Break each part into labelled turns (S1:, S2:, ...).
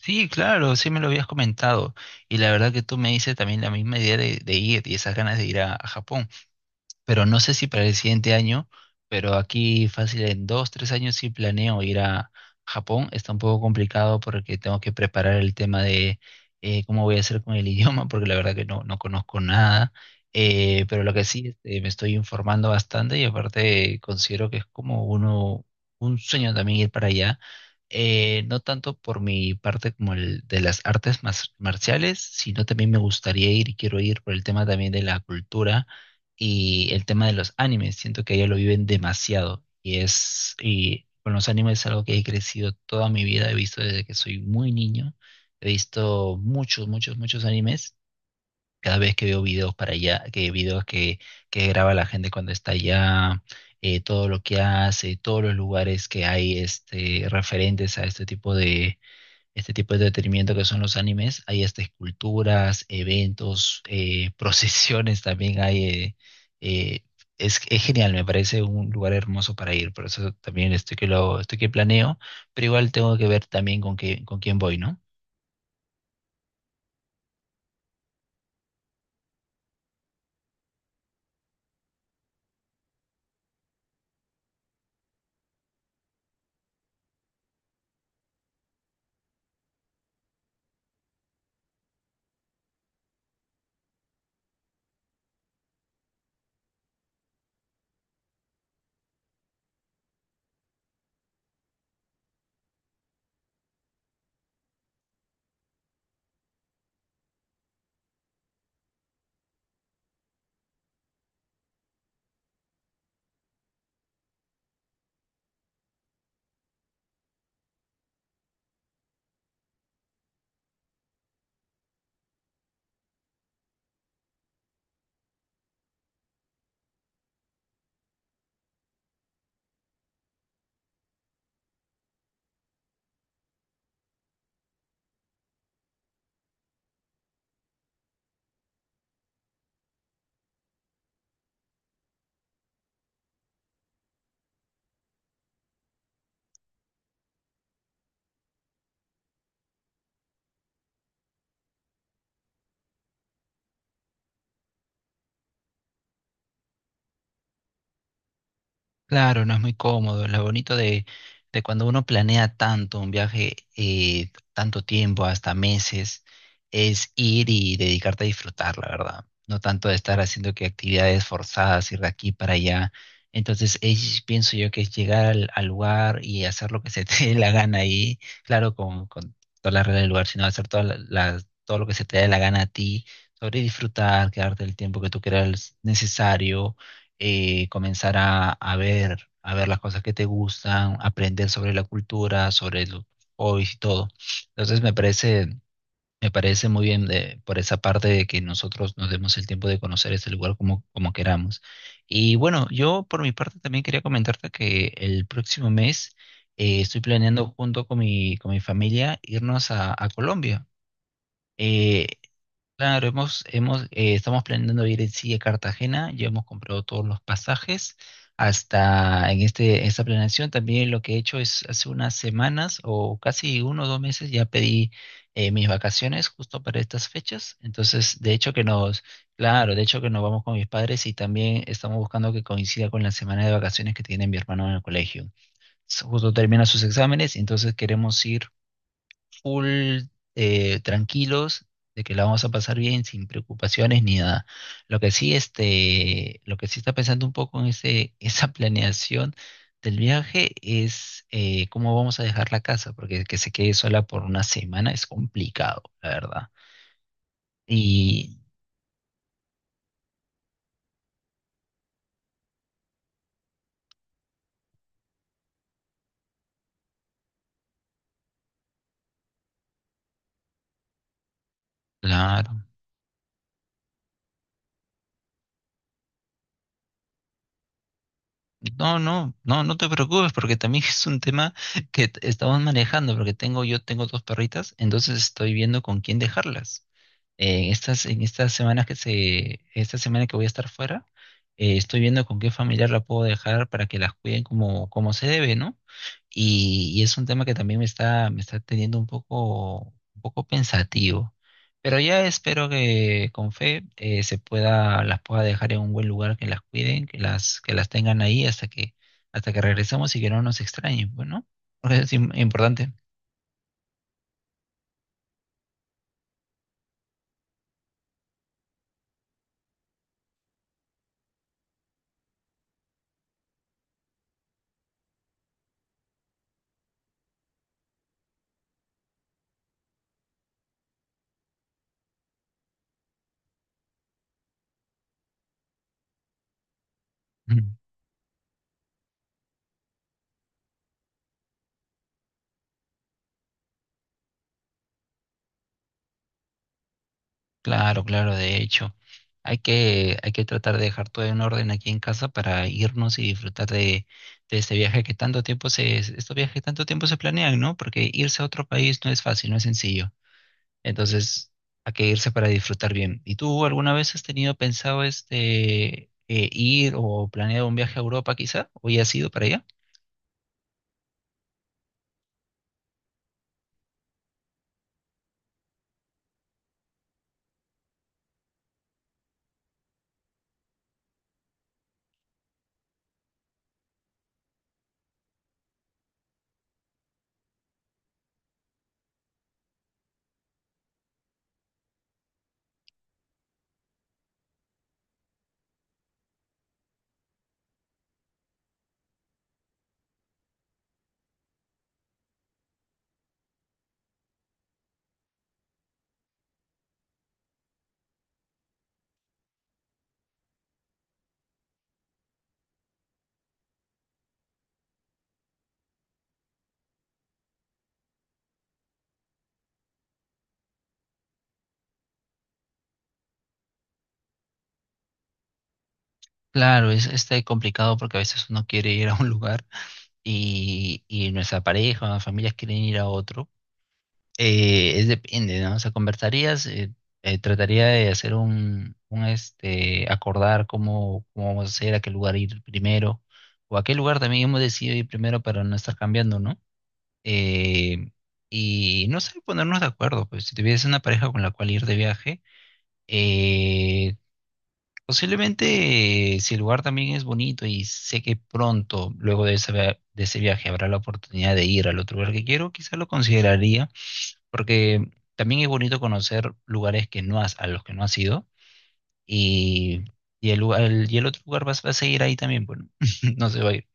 S1: Sí, claro, sí me lo habías comentado. Y la verdad que tú me dices también la misma idea de ir y esas ganas de ir a Japón, pero no sé si para el siguiente año, pero aquí fácil en 2, 3 años sí planeo ir a Japón. Está un poco complicado porque tengo que preparar el tema de cómo voy a hacer con el idioma, porque la verdad que no conozco nada. Pero lo que sí, este, me estoy informando bastante y aparte considero que es como un sueño también ir para allá. No tanto por mi parte como el de las artes marciales, sino también me gustaría ir y quiero ir por el tema también de la cultura y el tema de los animes, siento que ellos lo viven demasiado y con los animes es algo que he crecido toda mi vida, he visto desde que soy muy niño, he visto muchos, muchos, muchos animes, cada vez que veo videos para allá, que videos que graba la gente cuando está allá, todo lo que hace, todos los lugares que hay este, referentes a este tipo de entretenimiento que son los animes. Hay hasta esculturas, eventos, procesiones también hay. Eh, es genial, me parece un lugar hermoso para ir. Por eso también estoy que lo, estoy que planeo, pero igual tengo que ver también con con quién voy, ¿no? Claro, no es muy cómodo. Lo bonito de cuando uno planea tanto un viaje, tanto tiempo, hasta meses, es ir y dedicarte a disfrutar, la verdad. No tanto de estar haciendo que actividades forzadas, ir de aquí para allá. Entonces, pienso yo que es llegar al lugar y hacer lo que se te dé la gana ahí. Claro, con toda la regla del lugar, sino hacer toda todo lo que se te dé la gana a ti, sobre disfrutar, quedarte el tiempo que tú creas necesario, comenzar a ver las cosas que te gustan, aprender sobre la cultura, sobre los hobbies y todo. Entonces me parece muy bien por esa parte de que nosotros nos demos el tiempo de conocer este lugar como, como queramos. Y bueno, yo por mi parte también quería comentarte que el próximo mes estoy planeando junto con mi familia irnos a Colombia. Eh, Claro, hemos, estamos planeando ir en sí a Cartagena, ya hemos comprado todos los pasajes. Hasta en esta planeación también lo que he hecho es hace unas semanas o casi 1 o 2 meses ya pedí mis vacaciones justo para estas fechas. Entonces, de hecho que nos, claro, de hecho que nos vamos con mis padres y también estamos buscando que coincida con la semana de vacaciones que tiene mi hermano en el colegio. Justo termina sus exámenes, entonces queremos ir full, tranquilos, de que la vamos a pasar bien, sin preocupaciones ni nada. Lo que sí, este, lo que sí está pensando un poco en ese, esa planeación del viaje es cómo vamos a dejar la casa, porque que se quede sola por una semana es complicado, la verdad. Y claro. No, no, no, no te preocupes porque también es un tema que estamos manejando porque tengo yo tengo dos perritas, entonces estoy viendo con quién dejarlas. En estas semanas esta semana que voy a estar fuera, estoy viendo con qué familiar la puedo dejar para que las cuiden como, como se debe, ¿no? Y es un tema que también me está teniendo un poco, pensativo. Pero ya espero que con fe se pueda, las pueda dejar en un buen lugar, que las cuiden, que las tengan ahí hasta que regresemos y que no nos extrañen, bueno, porque es importante. Claro, claro, de hecho, hay que tratar de dejar todo en orden aquí en casa para irnos y disfrutar de este viaje que tanto tiempo estos viajes que tanto tiempo se planean, ¿no? Porque irse a otro país no es fácil, no es sencillo. Entonces, hay que irse para disfrutar bien. ¿Y tú alguna vez has tenido pensado este ir o planeado un viaje a Europa quizá? ¿O ya has ido para allá? Claro, es este complicado porque a veces uno quiere ir a un lugar y nuestra pareja o familias quieren ir a otro. Es depende, ¿no? O sea, conversarías, trataría de hacer acordar cómo vamos a hacer, a qué lugar ir primero, o a qué lugar también hemos decidido ir primero para no estar cambiando, ¿no? Eh, y no sé, ponernos de acuerdo, pues si tuviese una pareja con la cual ir de viaje, eh, posiblemente si el lugar también es bonito y sé que pronto, luego de ese viaje, habrá la oportunidad de ir al otro lugar que quiero, quizá lo consideraría porque también es bonito conocer lugares que no has, a los que no has ido y, y el lugar, y el otro lugar va a seguir ahí también, bueno, no se va a ir.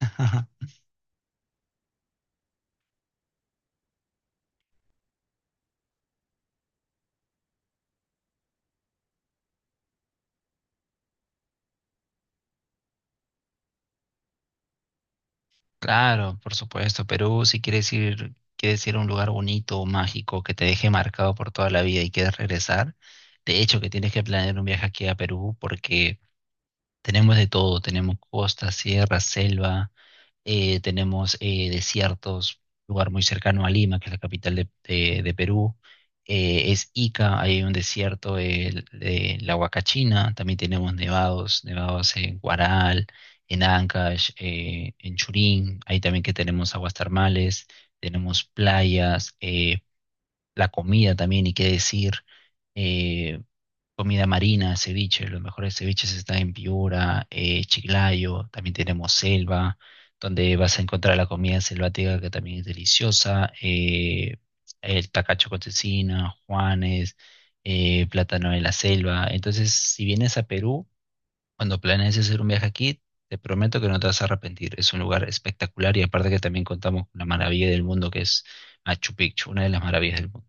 S1: Claro, por supuesto, Perú, si quieres ir, a un lugar bonito, mágico, que te deje marcado por toda la vida y quieres regresar, de hecho que tienes que planear un viaje aquí a Perú porque tenemos de todo, tenemos costa, sierra, selva, tenemos desiertos, lugar muy cercano a Lima, que es la capital de Perú. Es Ica, ahí hay un desierto, de la Huacachina. También tenemos nevados, nevados en Huaral, en Ancash, en Churín. Ahí también que tenemos aguas termales, tenemos playas, la comida también, y qué decir. eh, Comida marina, ceviche, los mejores ceviches están en Piura, Chiclayo, también tenemos selva, donde vas a encontrar la comida selvática que también es deliciosa, el tacacho con cecina, Juanes, plátano de la selva. Entonces, si vienes a Perú, cuando planees hacer un viaje aquí, te prometo que no te vas a arrepentir. Es un lugar espectacular y aparte que también contamos con la maravilla del mundo que es Machu Picchu, una de las maravillas del mundo.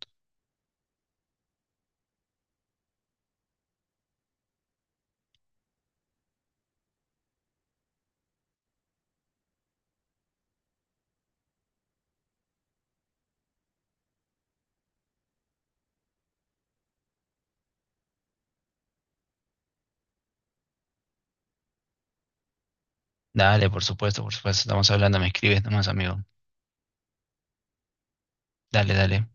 S1: Dale, por supuesto, estamos hablando, me escribes nomás, amigo. Dale, dale.